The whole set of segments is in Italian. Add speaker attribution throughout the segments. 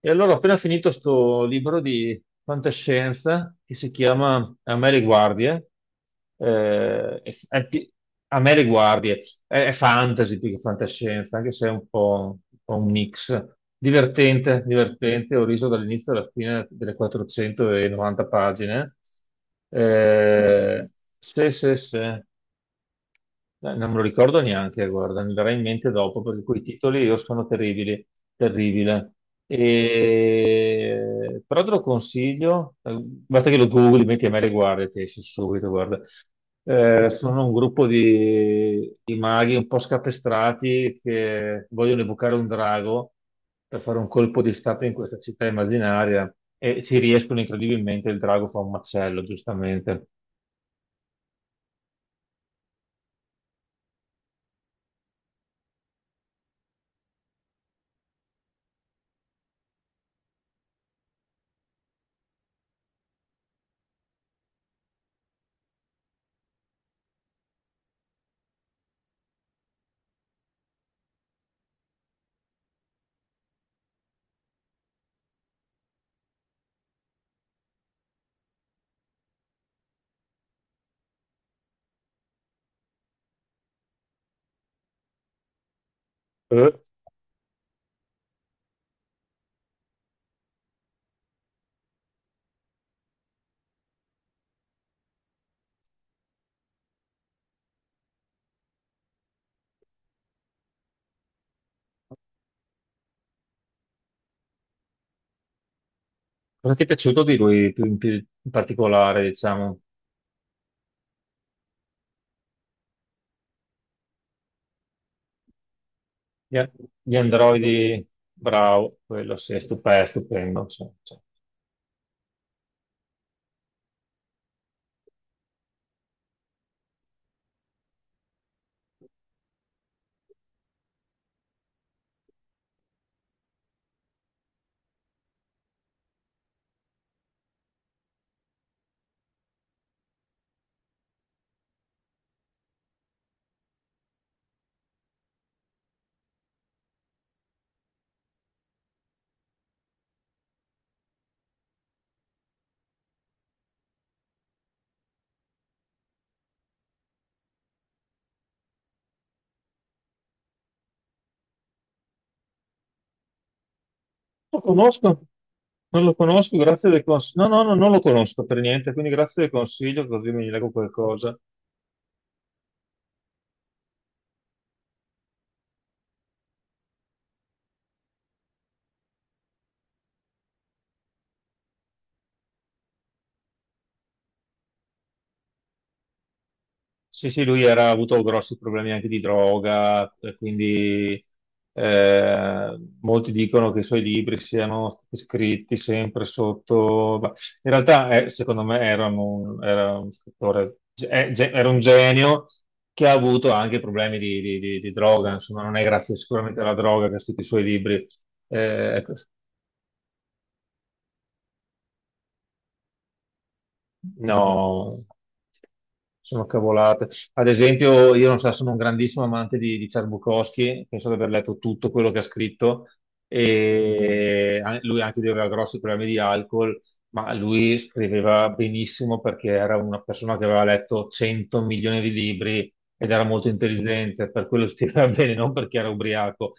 Speaker 1: E allora ho appena finito sto libro di fantascienza che si chiama A me le guardie. È pi- a me le guardie. È fantasy più che fantascienza, anche se è un po', un po' un mix. Divertente, divertente. Ho riso dall'inizio alla fine delle 490 pagine. Eh, sì, sì, sì. Non me lo ricordo neanche, guarda, mi verrà in mente dopo perché quei titoli io sono terribili, terribile. E... Però te lo consiglio, basta che lo googli, metti a me le guardie, ti esce subito, guarda. Sono un gruppo di maghi un po' scapestrati che vogliono evocare un drago per fare un colpo di stato in questa città immaginaria e ci riescono incredibilmente, il drago fa un macello, giustamente. Cosa ti è piaciuto di lui più in particolare, diciamo? Gli, a- gli androidi, bravo, quello sì, è stupendo, stupendo. Sì, sì. Lo conosco, non lo conosco, grazie del consiglio. No, no, no, non lo conosco per niente, quindi grazie del consiglio, così mi leggo qualcosa. Sì, sì, lui era, ha avuto grossi problemi anche di droga, e quindi molti dicono che i suoi libri siano stati scritti sempre sotto... ma in realtà, secondo me, era un scrittore, era un genio che ha avuto anche problemi di droga, insomma, non è grazie sicuramente alla droga che ha scritto i suoi libri. Ecco, no, sono cavolate. Ad esempio, io non so, sono un grandissimo amante di Ciarbucoschi, penso di aver letto tutto quello che ha scritto, e an- lui anche lui aveva grossi problemi di alcol, ma lui scriveva benissimo perché era una persona che aveva letto 100 milioni di libri ed era molto intelligente, per quello scriveva bene, non perché era ubriaco.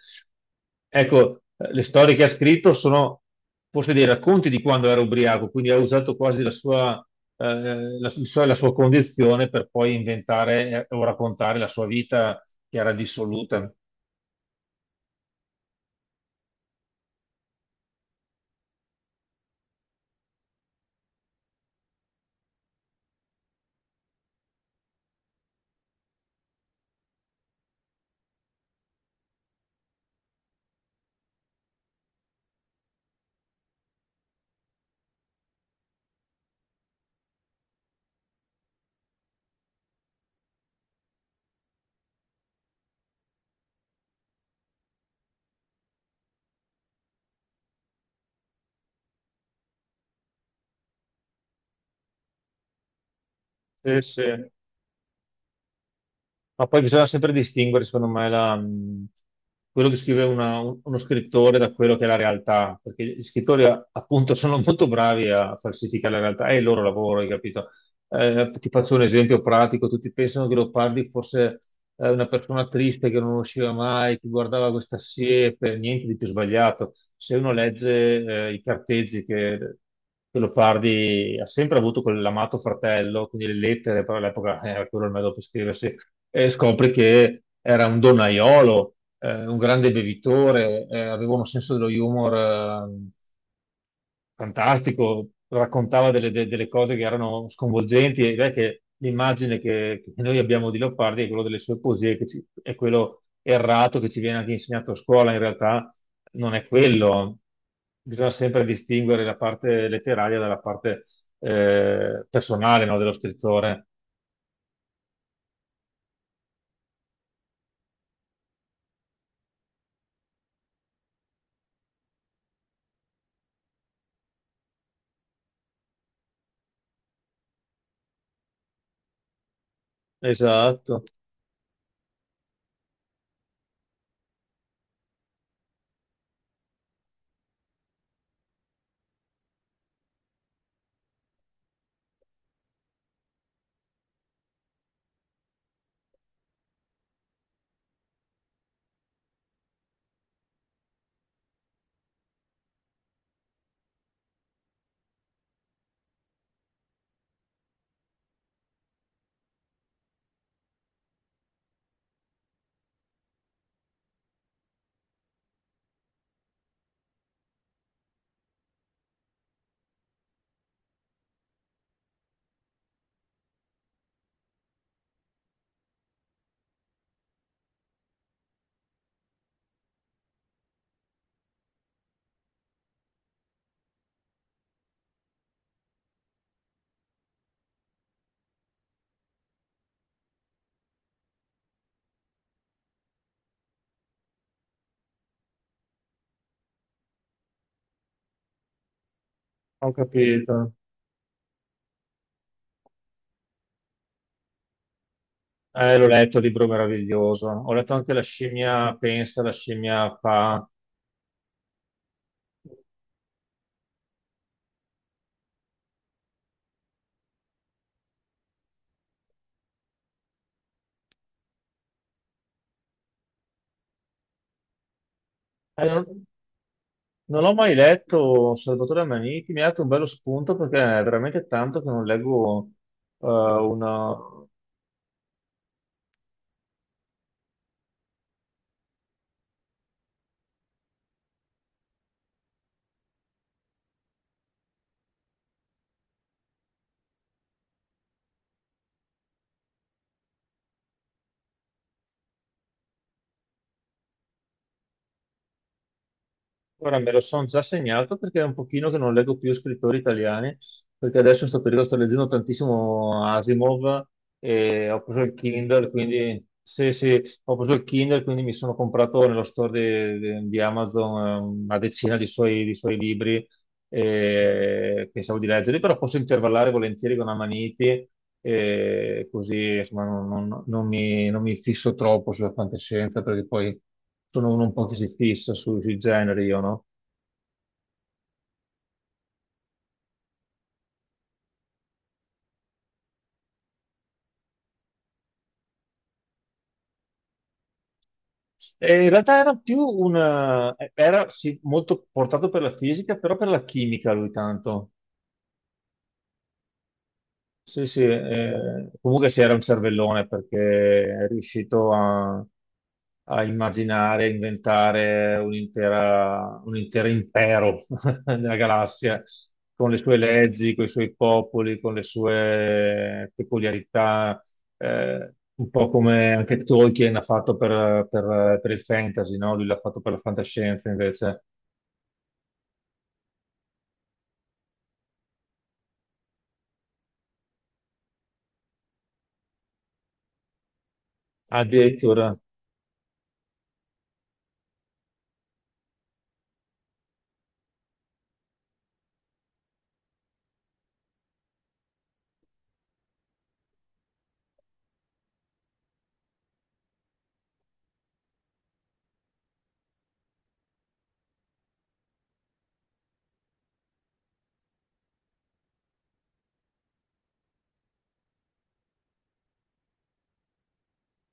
Speaker 1: Ecco, le storie che ha scritto sono forse dei racconti di quando era ubriaco, quindi ha usato quasi la sua, la sua condizione per poi inventare o raccontare la sua vita che era dissoluta. Sì, sì. Ma poi bisogna sempre distinguere, secondo me, la, quello che scrive uno scrittore da quello che è la realtà, perché gli scrittori appunto sono molto bravi a falsificare la realtà, è il loro lavoro, hai capito? Ti faccio un esempio pratico, tutti pensano che lo parli forse una persona triste che non usciva mai, che guardava questa siepe, niente di più sbagliato. Se uno legge i carteggi che Leopardi ha sempre avuto quell'amato fratello, quindi le lettere, però all'epoca era quello il modo per scriversi, e scopri che era un donnaiolo, un grande bevitore, aveva un senso dello humor fantastico, raccontava delle cose che erano sconvolgenti e direi che l'immagine che noi abbiamo di Leopardi è quella delle sue poesie, che è quello errato che ci viene anche insegnato a scuola, in realtà non è quello. Bisogna sempre distinguere la parte letteraria dalla parte personale, no, dello scrittore. Esatto, ho capito. L'ho letto, il libro meraviglioso. Ho letto anche La scimmia pensa, la scimmia fa. Eh, Non l'ho mai letto Salvatore Amaniti, mi ha dato un bello spunto perché è veramente tanto che non leggo una... Ora me lo sono già segnato perché è un pochino che non leggo più scrittori italiani, perché adesso in questo periodo sto leggendo tantissimo Asimov e ho preso il Kindle, quindi... Sì, sì, ho preso il Kindle, quindi mi sono comprato nello store di, di Amazon una decina di suoi libri pensavo di leggere, però posso intervallare volentieri con Amaniti, così insomma, non mi fisso troppo sulla fantascienza, perché poi sono uno un po' che si fissa sui generi, io, no? E in realtà era più una... era sì, molto portato per la fisica, però per la chimica lui tanto. Sì, sì, comunque si era un cervellone perché è riuscito a, a immaginare, a inventare un intero impero nella galassia, con le sue leggi, con i suoi popoli, con le sue peculiarità, un po' come anche Tolkien ha fatto per, per il fantasy, no? Lui l'ha fatto per la fantascienza invece. Addirittura,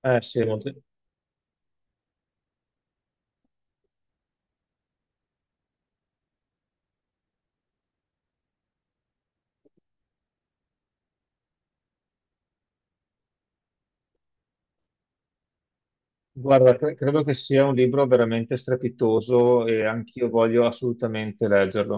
Speaker 1: sì, molto- Guarda, cre- credo che sia un libro veramente strepitoso e anch'io voglio assolutamente leggerlo.